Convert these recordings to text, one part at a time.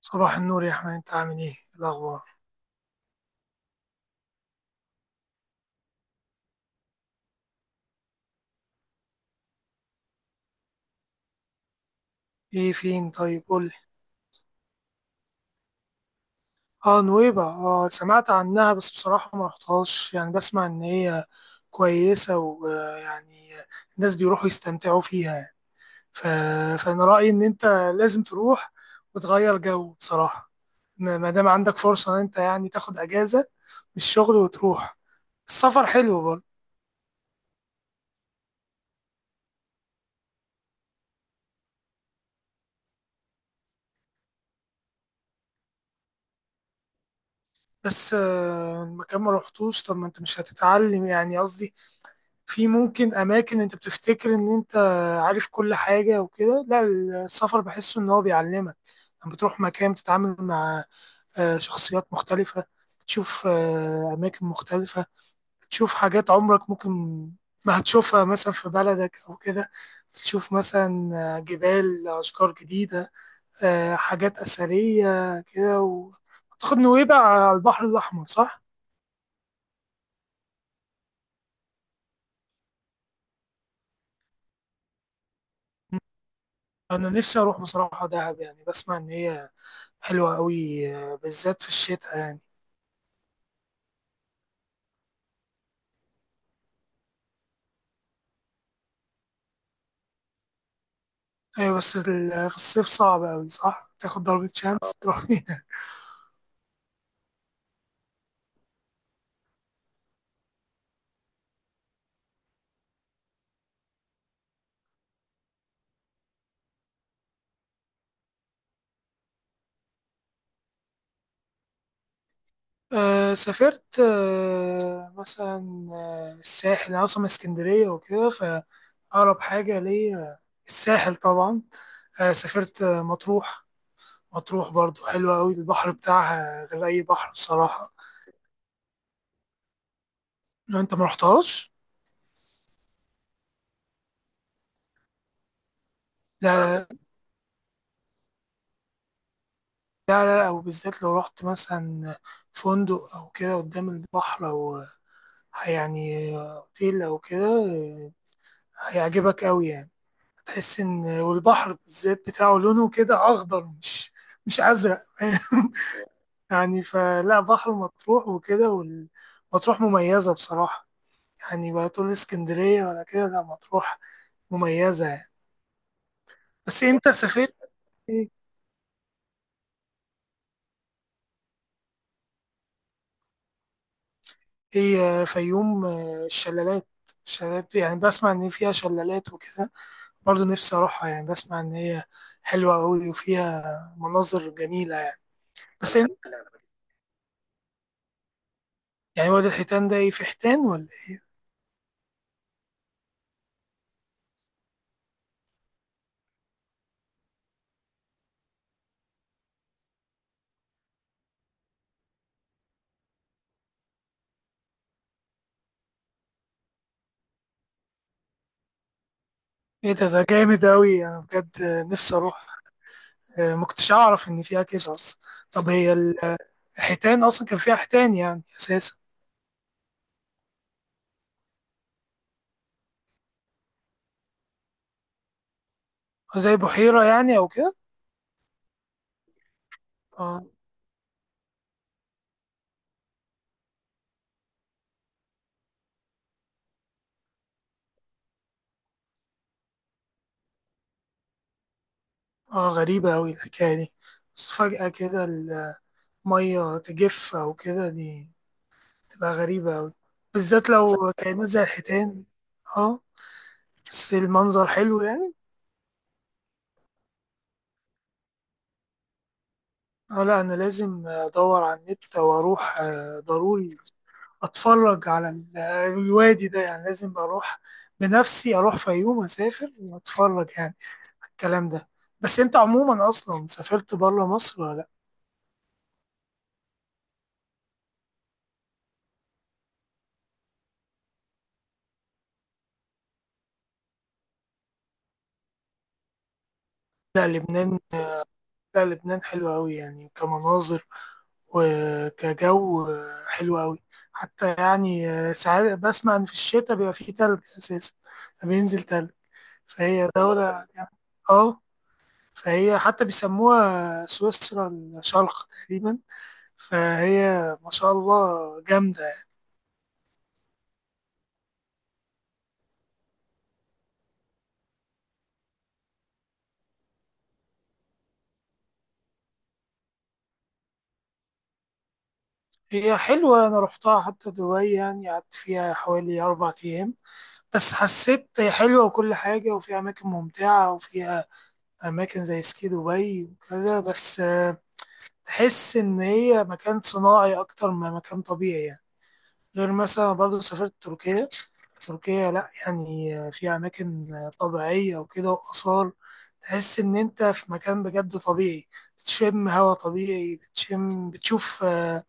صباح النور يا أحمد، أنت عامل إيه؟ إيه الأخبار؟ إيه، فين؟ طيب قول لي. آه، نويبع. آه، سمعت عنها بس بصراحة ما رحتهاش. يعني بسمع إن هي كويسة، ويعني الناس بيروحوا يستمتعوا فيها يعني. ف... فأنا رأيي إن أنت لازم تروح وتغير جو بصراحة. ما دام عندك فرصة إن أنت يعني تاخد أجازة من الشغل وتروح. السفر حلو برضه. بس المكان ما رحتوش. طب ما أنت مش هتتعلم؟ يعني قصدي في ممكن أماكن أنت بتفتكر إن أنت عارف كل حاجة وكده، لا. السفر بحسه إن هو بيعلمك. لما بتروح مكان بتتعامل مع شخصيات مختلفة. بتشوف أماكن مختلفة. بتشوف حاجات عمرك ممكن ما هتشوفها مثلا في بلدك أو كده. بتشوف مثلا جبال، أشجار جديدة، حاجات أثرية كده. وتاخد نويبع على البحر الأحمر، صح؟ أنا نفسي أروح بصراحة دهب. يعني بسمع إن هي حلوة أوي، بالذات في الشتاء يعني. أيوة بس في الصيف صعب أوي، صح؟ تاخد ضربة شمس تروح فيها. أه سافرت. أه مثلا الساحل. أنا أصلا من اسكندرية وكده، فأقرب حاجة ليا الساحل طبعا. أه سافرت مطروح. مطروح برضو حلوة أوي، البحر بتاعها غير أي بحر بصراحة. لو أنت مرحتهاش. لا، لا، أو بالذات لو رحت مثلا فندق أو كده قدام البحر، أو يعني اوتيل او كده، هيعجبك قوي يعني. هتحس ان والبحر بالذات بتاعه لونه كده اخضر، مش ازرق، فاهم؟ يعني فلا، بحر مطروح وكده مطروح مميزة بصراحة يعني. ولا تقول اسكندرية ولا كده، لا، مطروح مميزة يعني. بس انت سافرت ايه؟ إيه، فيوم؟ الشلالات. الشلالات يعني بسمع ان فيها شلالات وكده. برضه نفسي اروحها، يعني بسمع ان هي حلوة قوي وفيها مناظر جميلة. بس إن- يعني واد الحيتان ده ايه؟ في حيتان ولا ايه؟ ايه ده جامد أوي. أنا بجد نفسي أروح. ما كنتش أعرف إن فيها كده أصلا. طب هي الحيتان أصلا كان فيها حيتان يعني أساسا؟ زي بحيرة يعني أو كده؟ اه. اه، غريبة أوي الحكاية دي. بس فجأة كده المية تجف أو كده، دي تبقى غريبة أوي. بالذات لو كائنات زي الحيتان. اه، بس المنظر حلو يعني. اه، لا، أنا لازم أدور على النت وأروح، ضروري اتفرج على الوادي ده يعني. لازم اروح بنفسي، اروح فيوم، اسافر واتفرج يعني الكلام ده. بس انت عموما اصلا سافرت بره مصر ولا لا؟ لا، لبنان. لا، لبنان حلو قوي يعني، كمناظر وكجو، حلو قوي حتى يعني. ساعات بسمع ان في الشتاء بيبقى فيه تلج اساسا، بينزل تلج. فهي دولة يعني. اه، فهي حتى بيسموها سويسرا الشرق تقريبا. فهي ما شاء الله جامدة. هي حلوة، أنا رحتها حتى دبي، يعني قعدت فيها حوالي 4 أيام. بس حسيت هي حلوة وكل حاجة، وفيها أماكن ممتعة وفيها أماكن زي سكي دبي وكذا. بس تحس إن هي مكان صناعي أكتر ما مكان طبيعي يعني. غير مثلا برضه سافرت تركيا. تركيا لأ، يعني في أماكن طبيعية وكده وآثار. تحس إن أنت في مكان بجد طبيعي، بتشم هوا طبيعي. بتشوف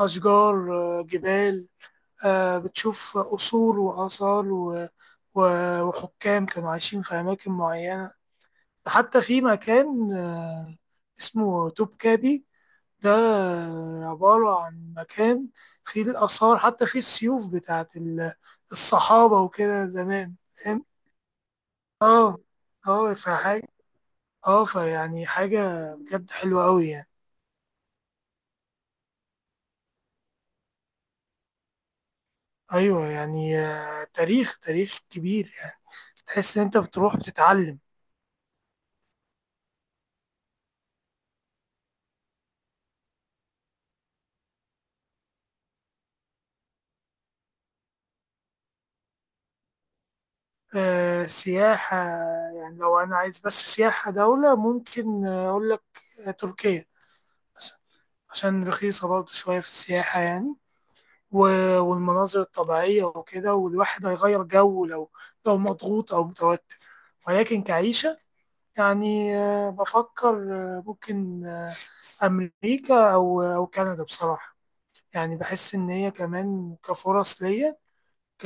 أشجار، جبال. بتشوف قصور وآثار وحكام كانوا عايشين في أماكن معينة. حتى في مكان اسمه توبكابي. ده عبارة عن مكان فيه الآثار، حتى فيه السيوف بتاعت الصحابة وكده زمان، فاهم؟ اه. اه فحاجة، اه فيعني حاجة بجد حلوة أوي يعني. أيوة يعني تاريخ، تاريخ كبير يعني. تحس إن أنت بتروح بتتعلم. آه سياحة. يعني لو أنا عايز بس سياحة، دولة ممكن أقول لك تركيا مثلا، عشان رخيصة برضه شوية في السياحة يعني. والمناظر الطبيعية وكده، والواحد هيغير جو لو مضغوط أو متوتر. ولكن كعيشة يعني بفكر ممكن أمريكا أو كندا بصراحة. يعني بحس إن هي كمان كفرص ليا، ك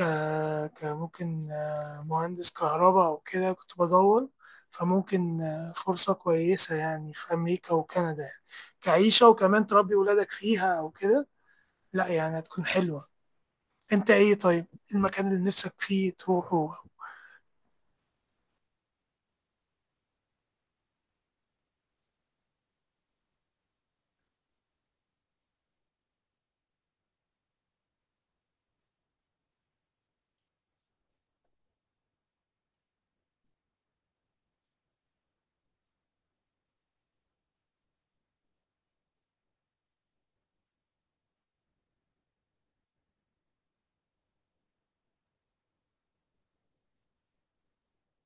كممكن مهندس كهرباء أو كده كنت بدور. فممكن فرصة كويسة يعني في أمريكا وكندا يعني. كعيشة وكمان تربي ولادك فيها أو كده، لا يعني هتكون حلوة. انت ايه طيب؟ المكان اللي نفسك فيه تروحه؟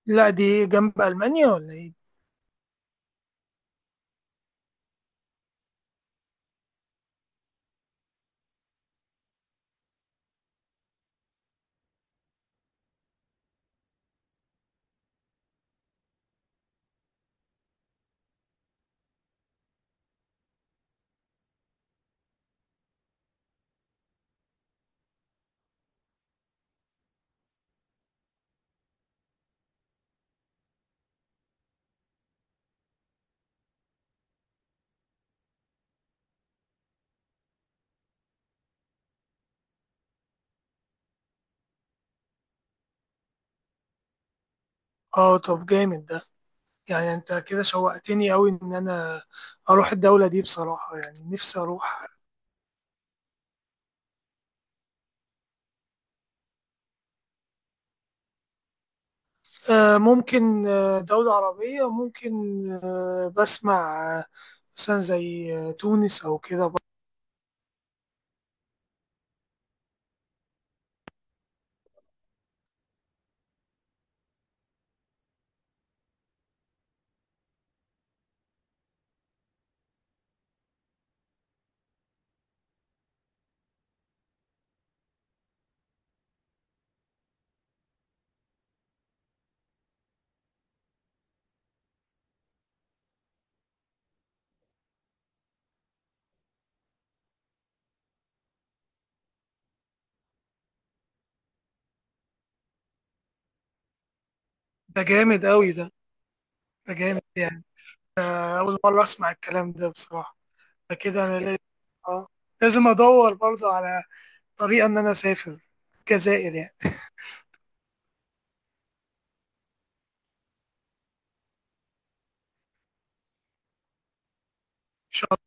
لا، دي جنب المانيا ولا ايه؟ اه طب جامد ده. يعني انت كده شوقتني قوي ان انا اروح الدولة دي بصراحة، يعني نفسي اروح. آه ممكن دولة عربية ممكن. آه بسمع مثلا زي تونس او كده برضه. ده جامد قوي ده. ده جامد يعني. اول مرة اسمع الكلام ده بصراحة. ده كده انا لازم. اه، لازم ادور برضه على طريقة ان انا اسافر الجزائر يعني.